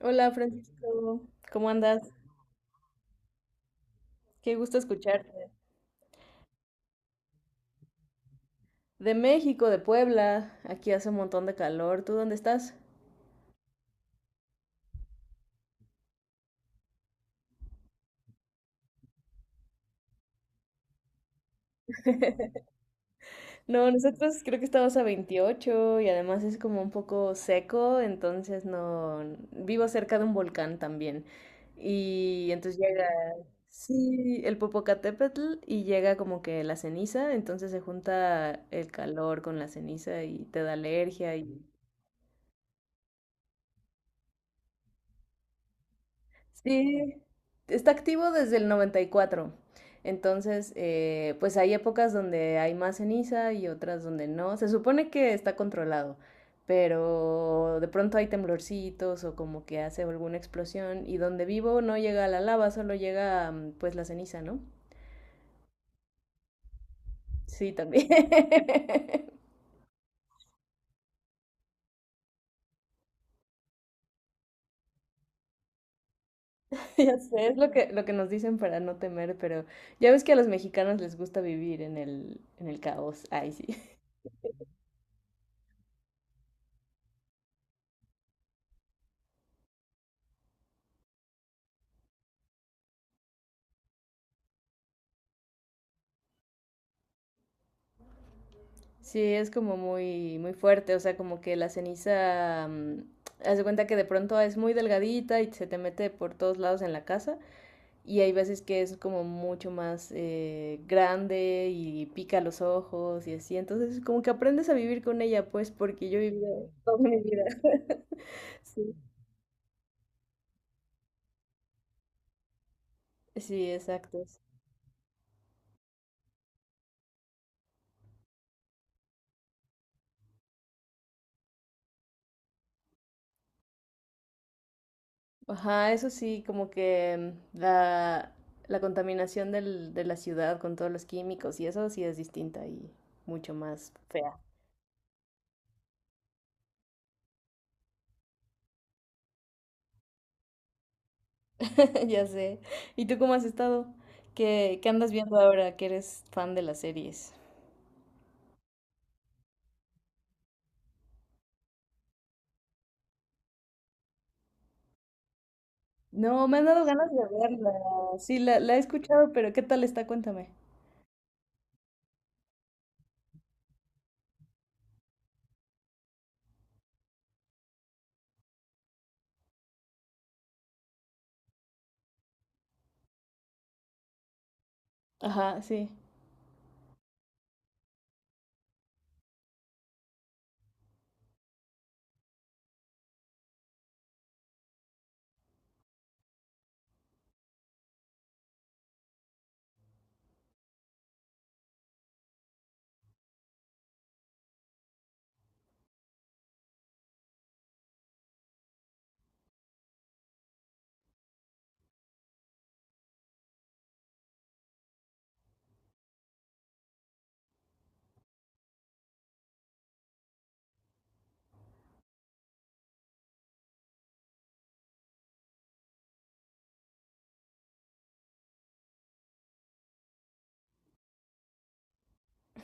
Hola Francisco, ¿cómo andas? Qué gusto escucharte. De México, de Puebla, aquí hace un montón de calor. ¿Tú dónde estás? No, nosotros creo que estamos a 28 y además es como un poco seco, entonces no... Vivo cerca de un volcán también. Y entonces llega, sí, el Popocatépetl y llega como que la ceniza, entonces se junta el calor con la ceniza y te da alergia y... Sí, está activo desde el 94. Entonces, pues hay épocas donde hay más ceniza y otras donde no. Se supone que está controlado, pero de pronto hay temblorcitos o como que hace alguna explosión y donde vivo no llega la lava, solo llega pues la ceniza, ¿no? Sí, también. Ya sé, es lo que nos dicen para no temer, pero ya ves que a los mexicanos les gusta vivir en el caos. Ay, sí. Sí, es como muy, muy fuerte, o sea, como que la ceniza, haz de cuenta que de pronto es muy delgadita y se te mete por todos lados en la casa y hay veces que es como mucho más grande y pica los ojos y así, entonces como que aprendes a vivir con ella, pues, porque yo viví toda mi vida. Sí, sí, exacto. Ajá, eso sí, como que la contaminación de la ciudad con todos los químicos y eso sí es distinta y mucho más fea. Ya sé. ¿Y tú cómo has estado? ¿Qué, qué andas viendo ahora que eres fan de las series? No, me han dado ganas de verla. Sí, la he escuchado, pero ¿qué tal está? Cuéntame. Ajá, sí.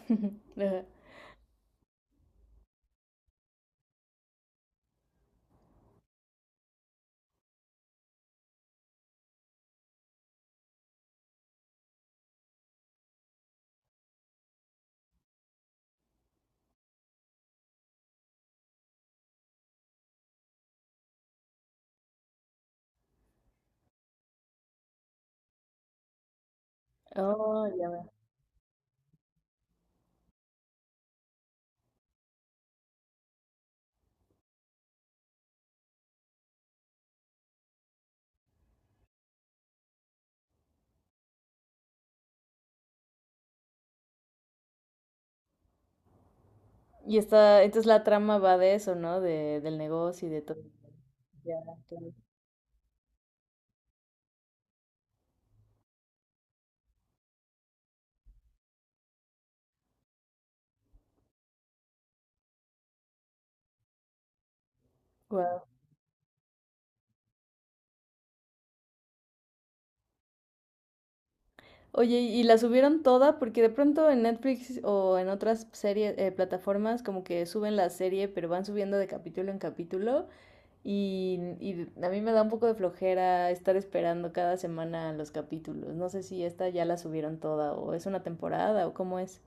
Ajá. Oh, ya veo. Y está, entonces la trama va de eso, ¿no? De, del negocio y de todo. Ya, claro. Guau. Oye, ¿y la subieron toda? Porque de pronto en Netflix o en otras series, plataformas, como que suben la serie, pero van subiendo de capítulo en capítulo. Y a mí me da un poco de flojera estar esperando cada semana los capítulos. No sé si esta ya la subieron toda o es una temporada o cómo es.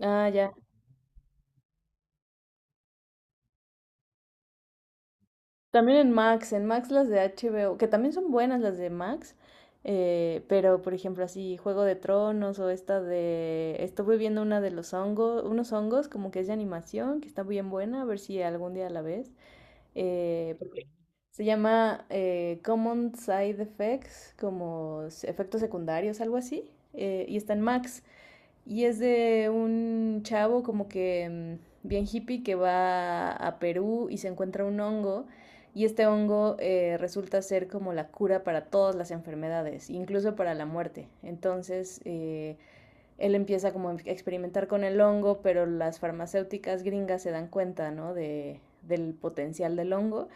Ah, ya. También en Max las de HBO, que también son buenas las de Max, pero por ejemplo así Juego de Tronos o esta de... Estuve viendo una de los hongos, unos hongos como que es de animación, que está bien buena, a ver si algún día la ves. Eh, Se llama Common Side Effects, como efectos secundarios, algo así. Y está en Max. Y es de un chavo como que bien hippie que va a Perú y se encuentra un hongo. Y este hongo resulta ser como la cura para todas las enfermedades, incluso para la muerte. Entonces, él empieza como a experimentar con el hongo, pero las farmacéuticas gringas se dan cuenta, ¿no? De, del potencial del hongo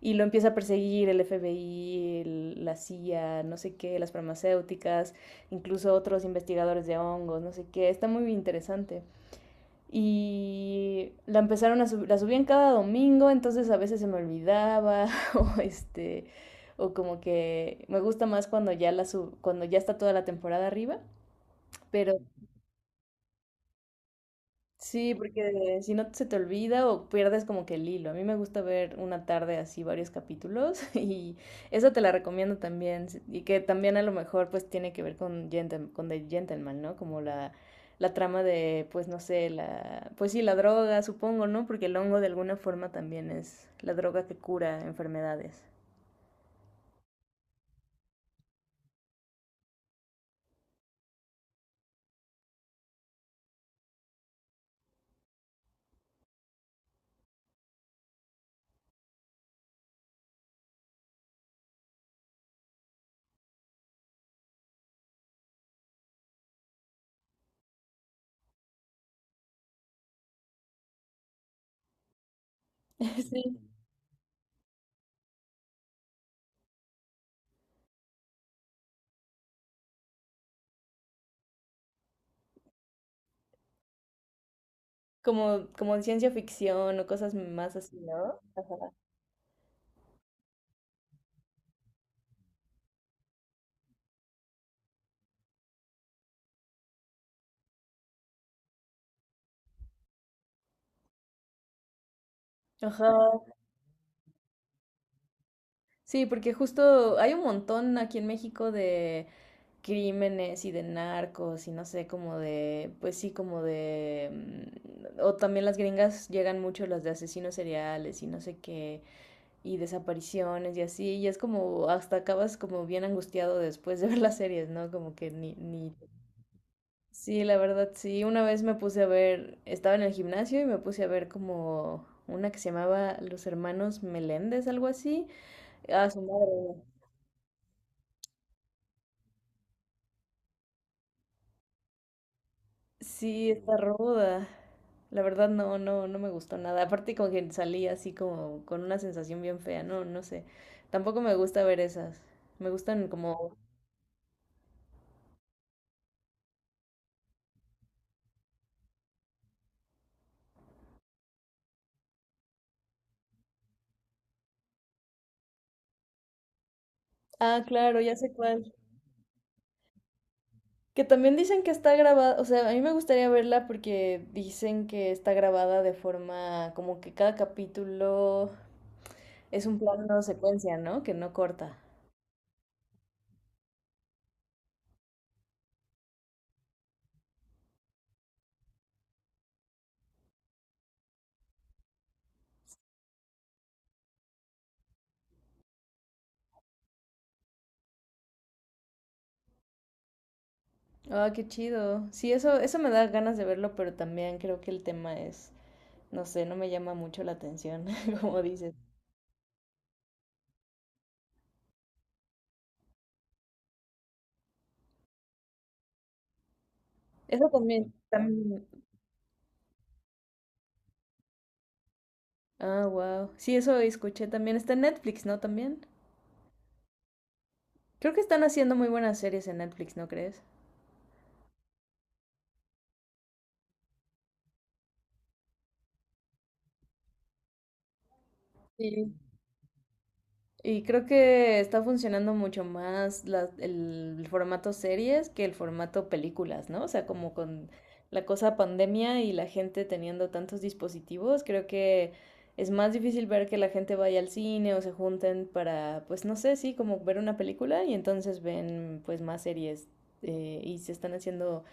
y lo empieza a perseguir el FBI, la CIA, no sé qué, las farmacéuticas, incluso otros investigadores de hongos, no sé qué, está muy interesante. Y la empezaron a subir, la subían cada domingo, entonces a veces se me olvidaba o o como que me gusta más cuando ya cuando ya está toda la temporada arriba, pero sí, porque si no se te olvida o pierdes como que el hilo. A mí me gusta ver una tarde así varios capítulos y eso te la recomiendo también. Y que también a lo mejor pues tiene que ver con, con The Gentleman, ¿no? Como la trama de pues no sé, pues sí, la droga supongo, ¿no? Porque el hongo de alguna forma también es la droga que cura enfermedades. Sí. Como, como ciencia ficción o cosas más así, ¿no? Ajá. Ajá. Sí, porque justo hay un montón aquí en México de... crímenes y de narcos y no sé, como de, pues sí, como de, o también las gringas llegan mucho las de asesinos seriales y no sé qué, y desapariciones y así, y es como, hasta acabas como bien angustiado después de ver las series, ¿no? Como que ni, ni... Sí, la verdad, sí, una vez me puse a ver, estaba en el gimnasio y me puse a ver como una que se llamaba Los Hermanos Meléndez, algo así. A su madre. Sí, está ruda. La verdad no, no, no me gustó nada. Aparte como que salí así como con una sensación bien fea. No, no sé. Tampoco me gusta ver esas. Me gustan como... Ah, claro, ya sé cuál. Que también dicen que está grabada, o sea, a mí me gustaría verla porque dicen que está grabada de forma como que cada capítulo es un plano secuencia, ¿no? Que no corta. Ah, qué chido. Sí, eso me da ganas de verlo, pero también creo que el tema es no sé, no me llama mucho la atención, como dices. Eso también, también. Ah, wow. Sí, eso escuché también. Está en Netflix, ¿no? También. Creo que están haciendo muy buenas series en Netflix, ¿no crees? Sí. Y creo que está funcionando mucho más el formato series que el formato películas, ¿no? O sea, como con la cosa pandemia y la gente teniendo tantos dispositivos, creo que es más difícil ver que la gente vaya al cine o se junten para, pues no sé, sí, como ver una película y entonces ven pues más series y se están haciendo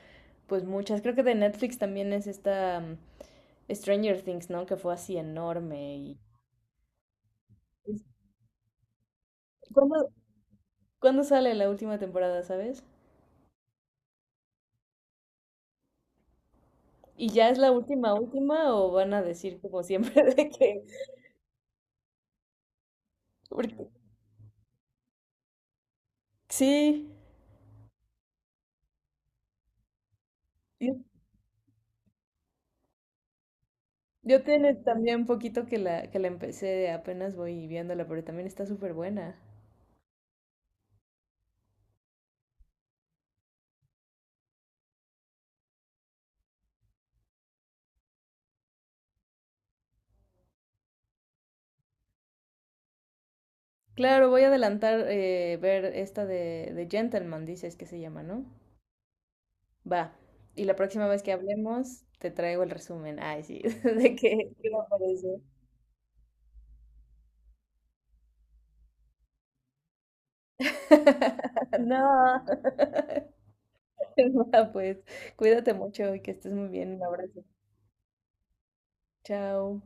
pues muchas. Creo que de Netflix también es esta Stranger Things, ¿no? Que fue así enorme y... pues, ¿Cuándo, cuándo sale la última temporada, sabes? ¿Y ya es la última, última o van a decir como siempre de que... Porque, sí, yo, yo tiene también un poquito que que la empecé, apenas voy viéndola, pero también está súper buena. Claro, voy a adelantar ver esta de Gentleman, dices que se llama, ¿no? Va. Y la próxima vez que hablemos, te traigo el resumen. Ay, sí, de qué, qué me parece. No, va, pues cuídate mucho y que estés muy bien. Un abrazo. Chao.